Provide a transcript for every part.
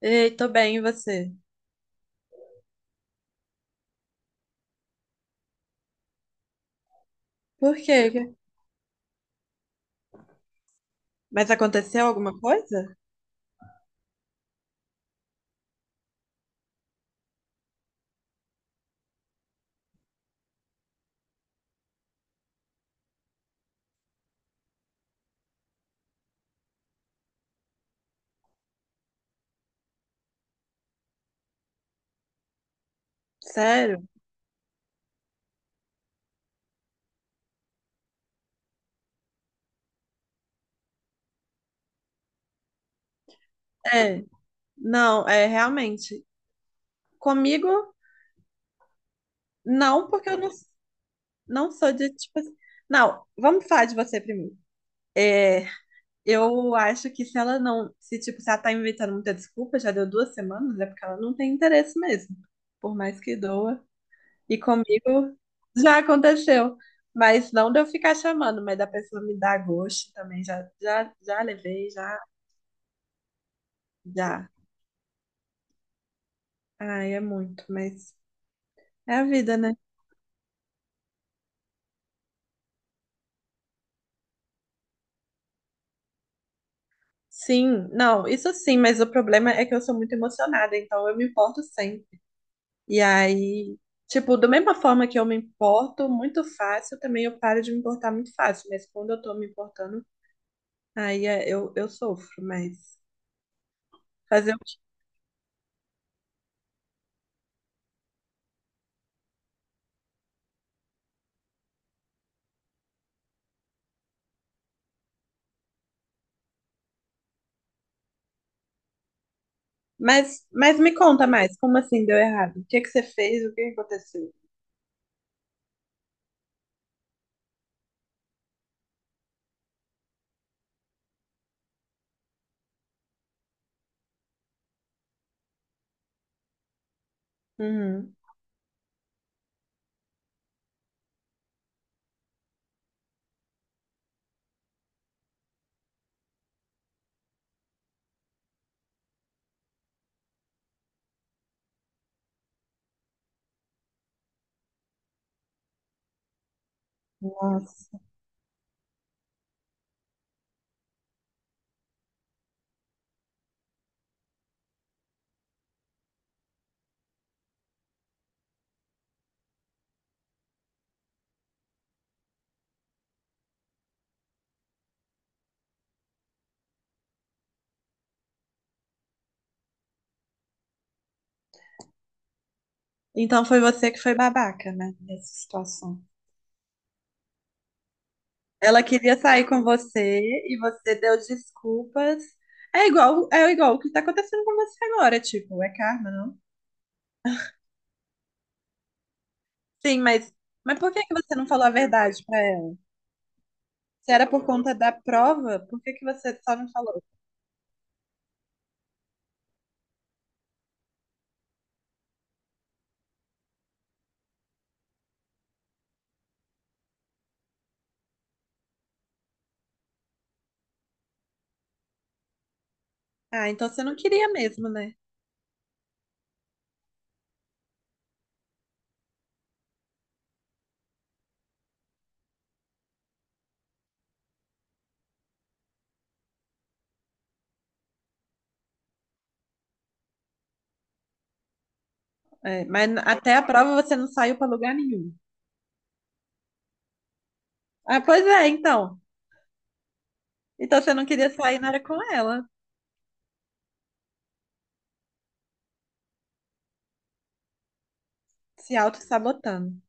Ei, tô bem, e você? Por quê? Mas aconteceu alguma coisa? Sério? É, não, é realmente. Comigo, não, porque eu não, não sou de tipo. Não, vamos falar de você primeiro. É, eu acho que se ela não. Se, tipo, se ela tá inventando muita desculpa, já deu duas semanas, é porque ela não tem interesse mesmo. Por mais que doa. E comigo já aconteceu. Mas não de eu ficar chamando, mas da pessoa me dar gosto também. Já levei, já. Já. Ai, é muito, mas é a vida, né? Sim, não, isso sim, mas o problema é que eu sou muito emocionada, então eu me importo sempre. E aí, tipo, da mesma forma que eu me importo muito fácil, também eu paro de me importar muito fácil, mas quando eu tô me importando, eu sofro, mas fazer o quê? Mas me conta mais, como assim deu errado? O que que você fez? O que que aconteceu? Uhum. Nossa. Então foi você que foi babaca, né, nessa situação. Ela queria sair com você e você deu desculpas. É igual o que tá acontecendo com você agora, tipo, é karma, não? Sim, mas por que que você não falou a verdade pra ela? Se era por conta da prova, por que que você só não falou? Ah, então você não queria mesmo, né? É, mas até a prova você não saiu pra lugar nenhum. Ah, pois é, então. Então você não queria sair na hora com ela, se auto-sabotando.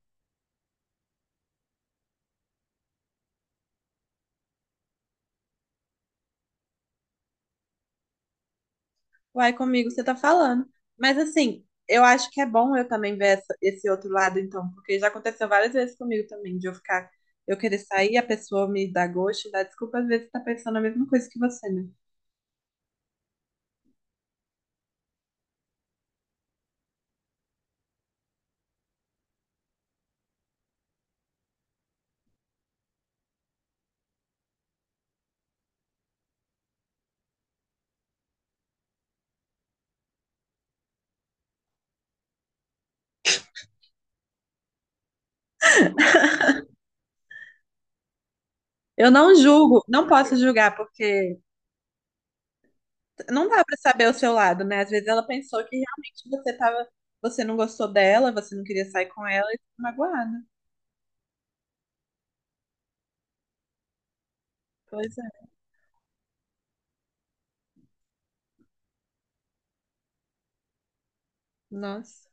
Uai, comigo você tá falando. Mas assim, eu acho que é bom eu também ver esse outro lado, então, porque já aconteceu várias vezes comigo também, de eu ficar, eu querer sair, a pessoa me dá gosto, dá desculpa, às vezes tá pensando a mesma coisa que você, né? Eu não julgo, não posso julgar, porque não dá pra saber o seu lado, né? Às vezes ela pensou que realmente você tava, você não gostou dela, você não queria sair com ela e ficou magoada. Pois é. Nossa.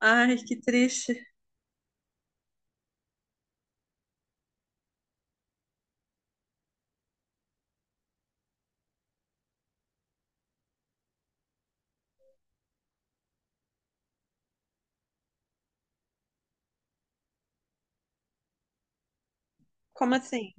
Ai, que triste. Como assim?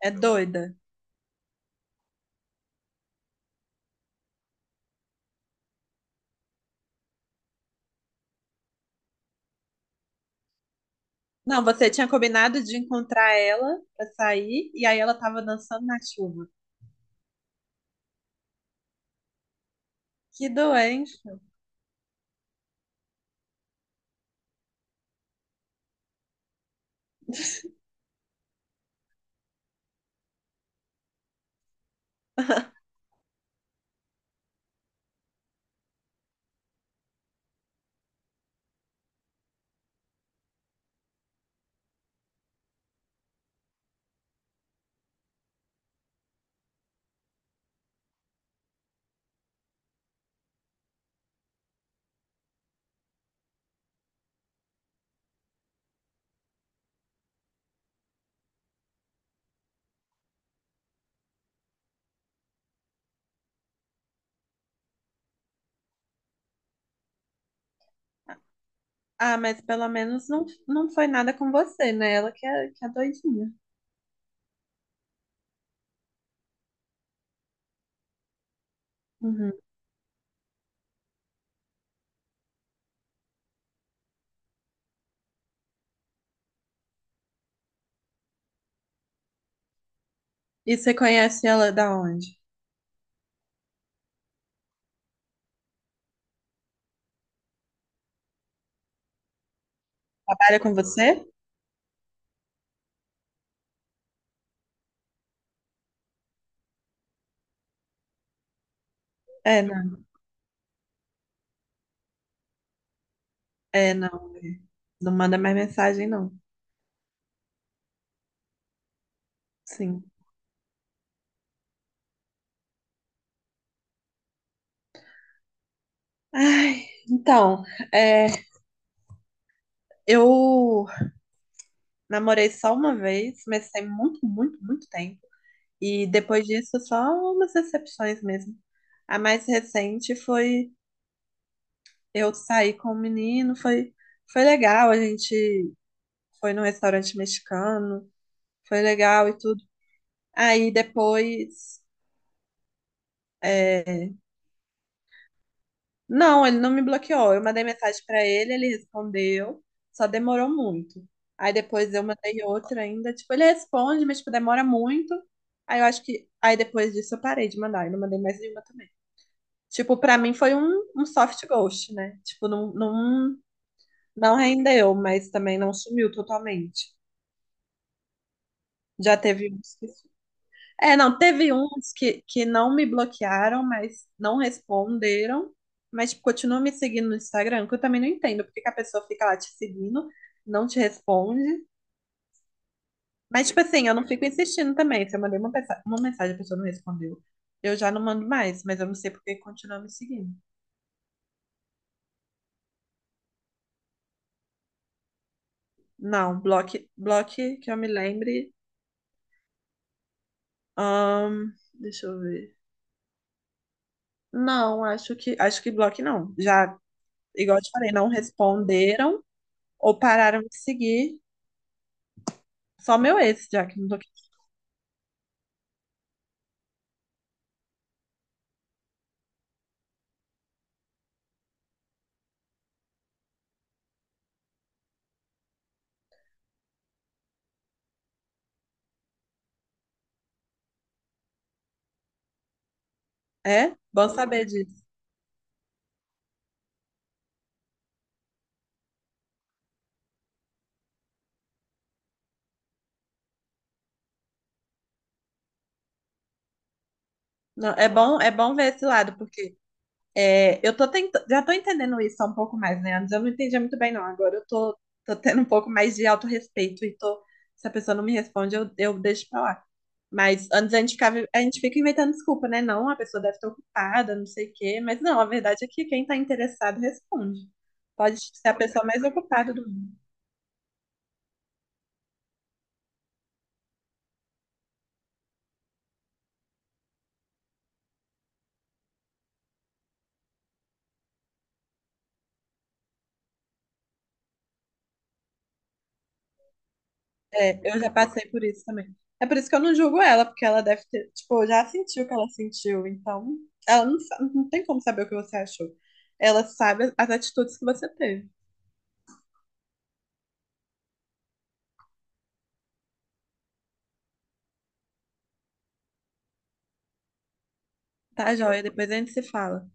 É doida. Não, você tinha combinado de encontrar ela pra sair e aí ela tava dançando na chuva. Que doença. Ah, mas pelo menos não, não foi nada com você, né? Ela que é doidinha. Uhum. E você conhece ela da onde? Trabalha com você? É, não. É, não. É. Não manda mais mensagem, não. Sim. Ai, então, é, eu namorei só uma vez, mas tem muito, muito, muito tempo. E depois disso, só umas decepções mesmo. A mais recente foi eu sair com um menino, foi, foi legal, a gente foi num restaurante mexicano, foi legal e tudo. Aí depois é, não, ele não me bloqueou. Eu mandei mensagem pra ele, ele respondeu, só demorou muito. Aí depois eu mandei outra ainda, tipo, ele responde, mas tipo, demora muito. Aí eu acho que aí depois disso eu parei de mandar, eu não mandei mais nenhuma também. Tipo, pra mim foi um soft ghost, né? Tipo, não, não, não rendeu, mas também não sumiu totalmente. Já teve uns que é, não, teve uns que não me bloquearam, mas não responderam, mas tipo, continuam me seguindo no Instagram, que eu também não entendo porque que a pessoa fica lá te seguindo, não te responde. Mas, tipo assim, eu não fico insistindo também. Se eu mandei uma, uma mensagem e a pessoa não respondeu, eu já não mando mais, mas eu não sei por que continua me seguindo. Não, bloque, bloque que eu me lembre. ahn, deixa eu ver. Não, acho que bloque não. Já, igual eu te falei, não responderam ou pararam de seguir. Só meu ex, já que não tô aqui. É? Bom saber disso. Não, é bom ver esse lado, porque é, eu tô tentando, já tô entendendo isso há um pouco mais, né? Antes eu não entendia muito bem, não. Agora eu tô, tô tendo um pouco mais de autorrespeito e tô, se a pessoa não me responde, eu deixo pra lá. Mas antes a gente ficava, a gente fica inventando desculpa, né? Não, a pessoa deve estar ocupada, não sei o quê. Mas não, a verdade é que quem tá interessado responde. Pode ser a pessoa mais ocupada do mundo. É, eu já passei por isso também. É por isso que eu não julgo ela, porque ela deve ter, tipo, já sentiu o que ela sentiu, então ela não, não tem como saber o que você achou. Ela sabe as atitudes que você teve. Tá, joia? Depois a gente se fala.